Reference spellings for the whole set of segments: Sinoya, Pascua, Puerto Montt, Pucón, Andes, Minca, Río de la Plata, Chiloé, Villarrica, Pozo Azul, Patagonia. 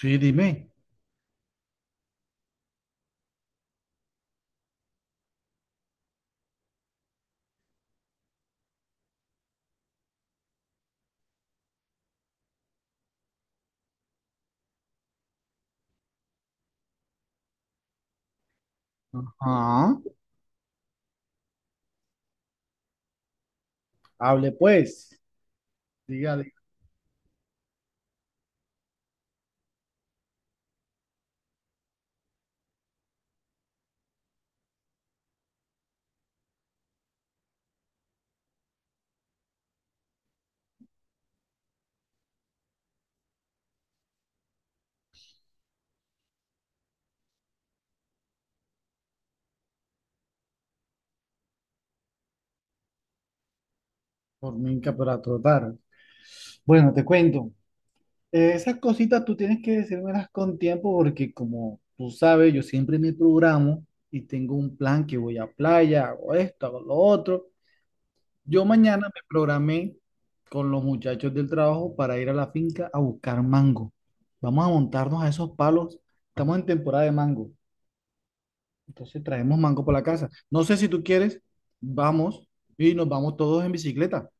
Sí, dime. Ajá. Hable pues. Dígale por minca para trotar. Bueno, te cuento. Esas cositas tú tienes que decírmelas con tiempo porque como tú sabes, yo siempre me programo y tengo un plan que voy a playa, hago esto, hago lo otro. Yo mañana me programé con los muchachos del trabajo para ir a la finca a buscar mango. Vamos a montarnos a esos palos. Estamos en temporada de mango. Entonces traemos mango para la casa. No sé si tú quieres, vamos y nos vamos todos en bicicleta.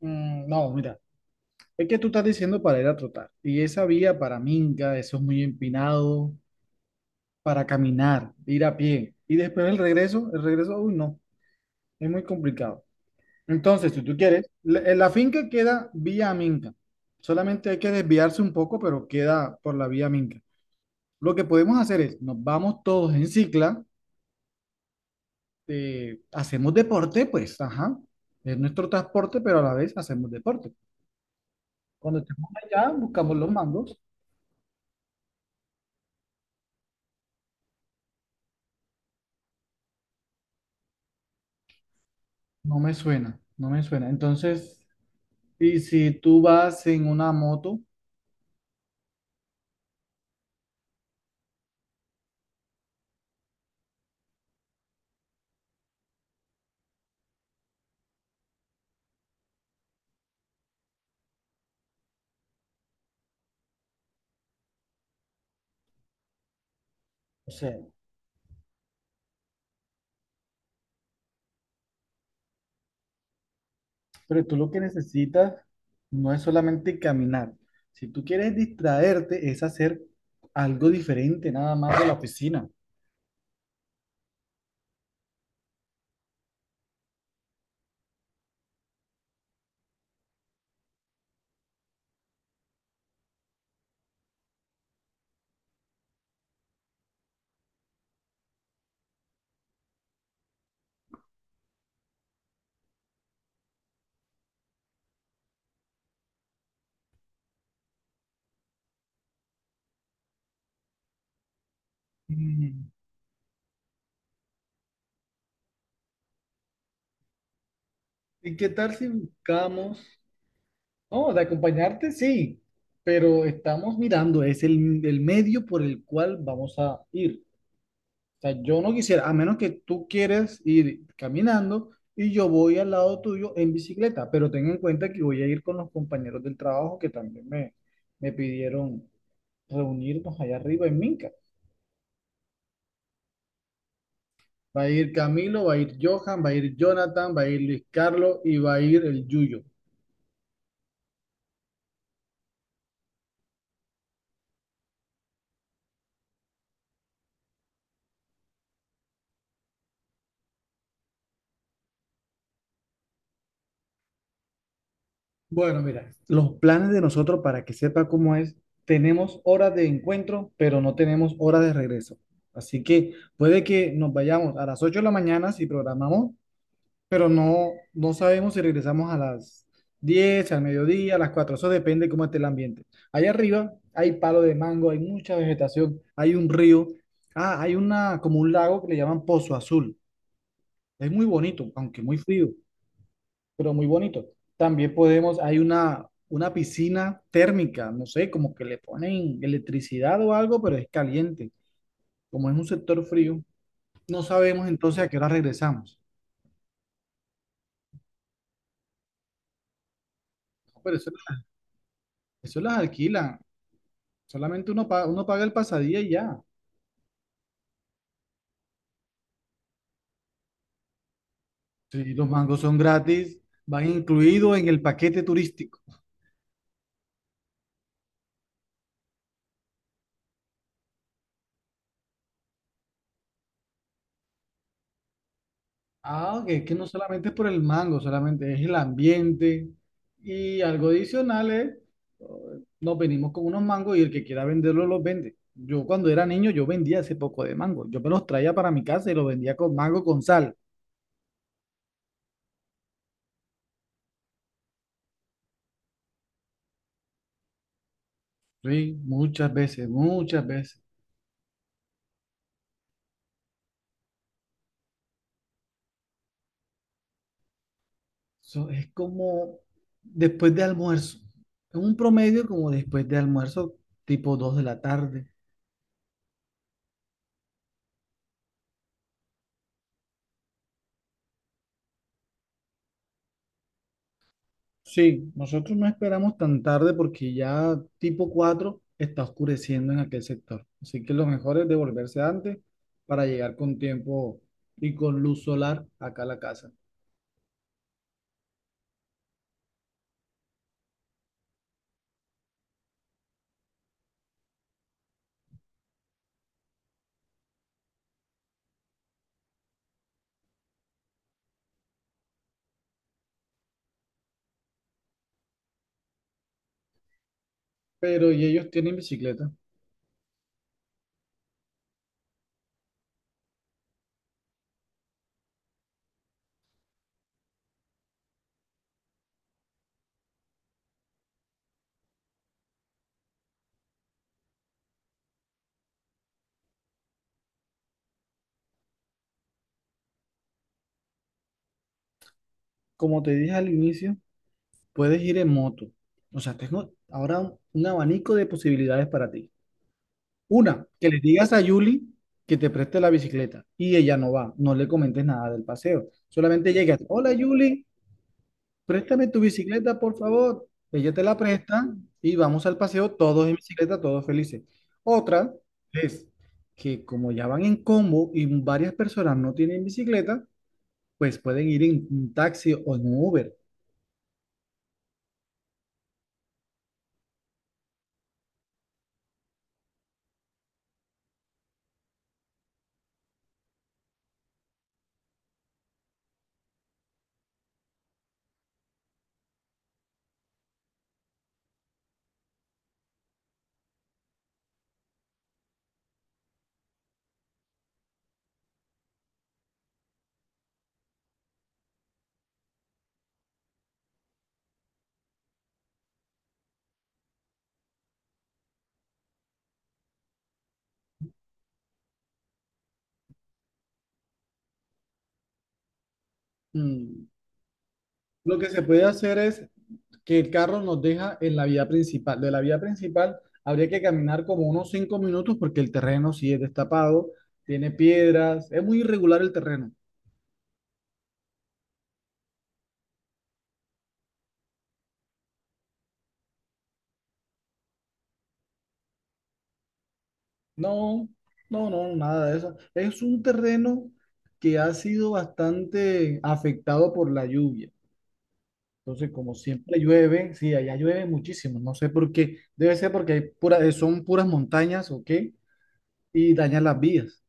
Mm, no, mira, es que tú estás diciendo para ir a trotar. Y esa vía para Minga eso es muy empinado, para caminar, ir a pie. Y después el regreso, uy, no, es muy complicado. Entonces, si tú quieres, la, en la finca queda vía Minca. Solamente hay que desviarse un poco, pero queda por la vía Minca. Lo que podemos hacer es, nos vamos todos en cicla hacemos deporte, pues, ajá, es nuestro transporte, pero a la vez hacemos deporte. Cuando estemos allá, buscamos los mangos. No me suena, no me suena. Entonces, y si tú vas en una moto, o sea, pero tú lo que necesitas no es solamente caminar. Si tú quieres distraerte, es hacer algo diferente, nada más de la oficina. Mm, ¿y qué tal si buscamos? No, de acompañarte sí, pero estamos mirando, es el medio por el cual vamos a ir. O sea, yo no quisiera, a menos que tú quieres ir caminando y yo voy al lado tuyo en bicicleta, pero ten en cuenta que voy a ir con los compañeros del trabajo que también me pidieron reunirnos allá arriba en Minca. Va a ir Camilo, va a ir Johan, va a ir Jonathan, va a ir Luis Carlos y va a ir el Yuyo. Bueno, mira, los planes de nosotros, para que sepa cómo es, tenemos horas de encuentro, pero no tenemos horas de regreso. Así que puede que nos vayamos a las 8 de la mañana si programamos, pero no, no sabemos si regresamos a las 10, al mediodía, a las 4. Eso depende cómo esté el ambiente. Allá arriba hay palo de mango, hay mucha vegetación, hay un río. Ah, hay una, como un lago que le llaman Pozo Azul. Es muy bonito, aunque muy frío, pero muy bonito. También podemos, hay una piscina térmica, no sé, como que le ponen electricidad o algo, pero es caliente. Como es un sector frío, no sabemos entonces a qué hora regresamos. No, pero eso las alquilan, solamente uno paga el pasadía y ya. Si los mangos son gratis, van incluidos en el paquete turístico. Ah, que no solamente es por el mango, solamente es el ambiente y algo adicional es, eh, nos venimos con unos mangos y el que quiera venderlo los vende. Yo cuando era niño yo vendía ese poco de mango, yo me los traía para mi casa y los vendía con mango con sal. Sí, muchas veces, muchas veces. Eso es como después de almuerzo, es un promedio como después de almuerzo, tipo 2 de la tarde. Sí, nosotros no esperamos tan tarde porque ya tipo 4 está oscureciendo en aquel sector. Así que lo mejor es devolverse antes para llegar con tiempo y con luz solar acá a la casa. Pero y ellos tienen bicicleta. Como te dije al inicio, puedes ir en moto. O sea, tengo ahora un abanico de posibilidades para ti. Una, que le digas a Yuli que te preste la bicicleta y ella no va. No le comentes nada del paseo. Solamente llegas, hola Yuli. Préstame tu bicicleta, por favor. Ella te la presta y vamos al paseo todos en bicicleta, todos felices. Otra es que como ya van en combo y varias personas no tienen bicicleta, pues pueden ir en un taxi o en un Uber. Mm. Lo que se puede hacer es que el carro nos deja en la vía principal. De la vía principal habría que caminar como unos 5 minutos porque el terreno sí es destapado, tiene piedras, es muy irregular el terreno. No, no, no, nada de eso. Es un terreno que ha sido bastante afectado por la lluvia. Entonces, como siempre llueve, sí, allá llueve muchísimo. No sé por qué. Debe ser porque hay son puras montañas o qué, y dañan las vías.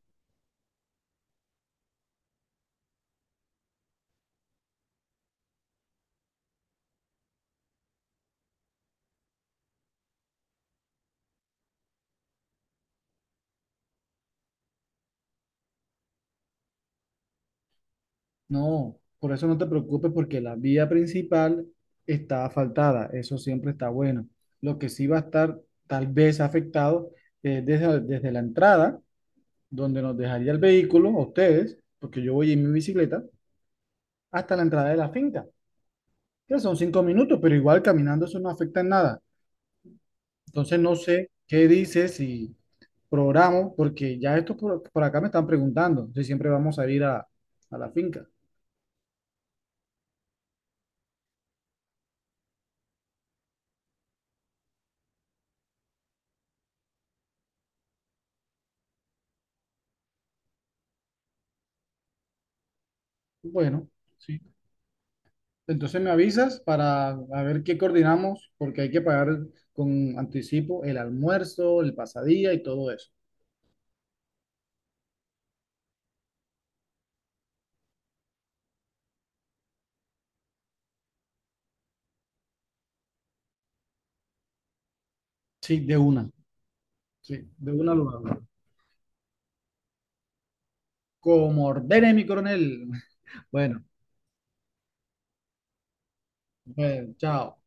No, por eso no te preocupes porque la vía principal está asfaltada. Eso siempre está bueno. Lo que sí va a estar tal vez afectado es desde la entrada, donde nos dejaría el vehículo, a ustedes porque yo voy en mi bicicleta, hasta la entrada de la finca, que son 5 minutos, pero igual caminando eso no afecta en nada. Entonces no sé qué dices si programo, porque ya estos por acá me están preguntando si siempre vamos a ir a la finca. Bueno, sí. Entonces me avisas para a ver qué coordinamos, porque hay que pagar con anticipo el almuerzo, el pasadía y todo eso. Sí, de una. Sí, de una lo hago. Como ordene mi coronel. Bueno, pues, chao.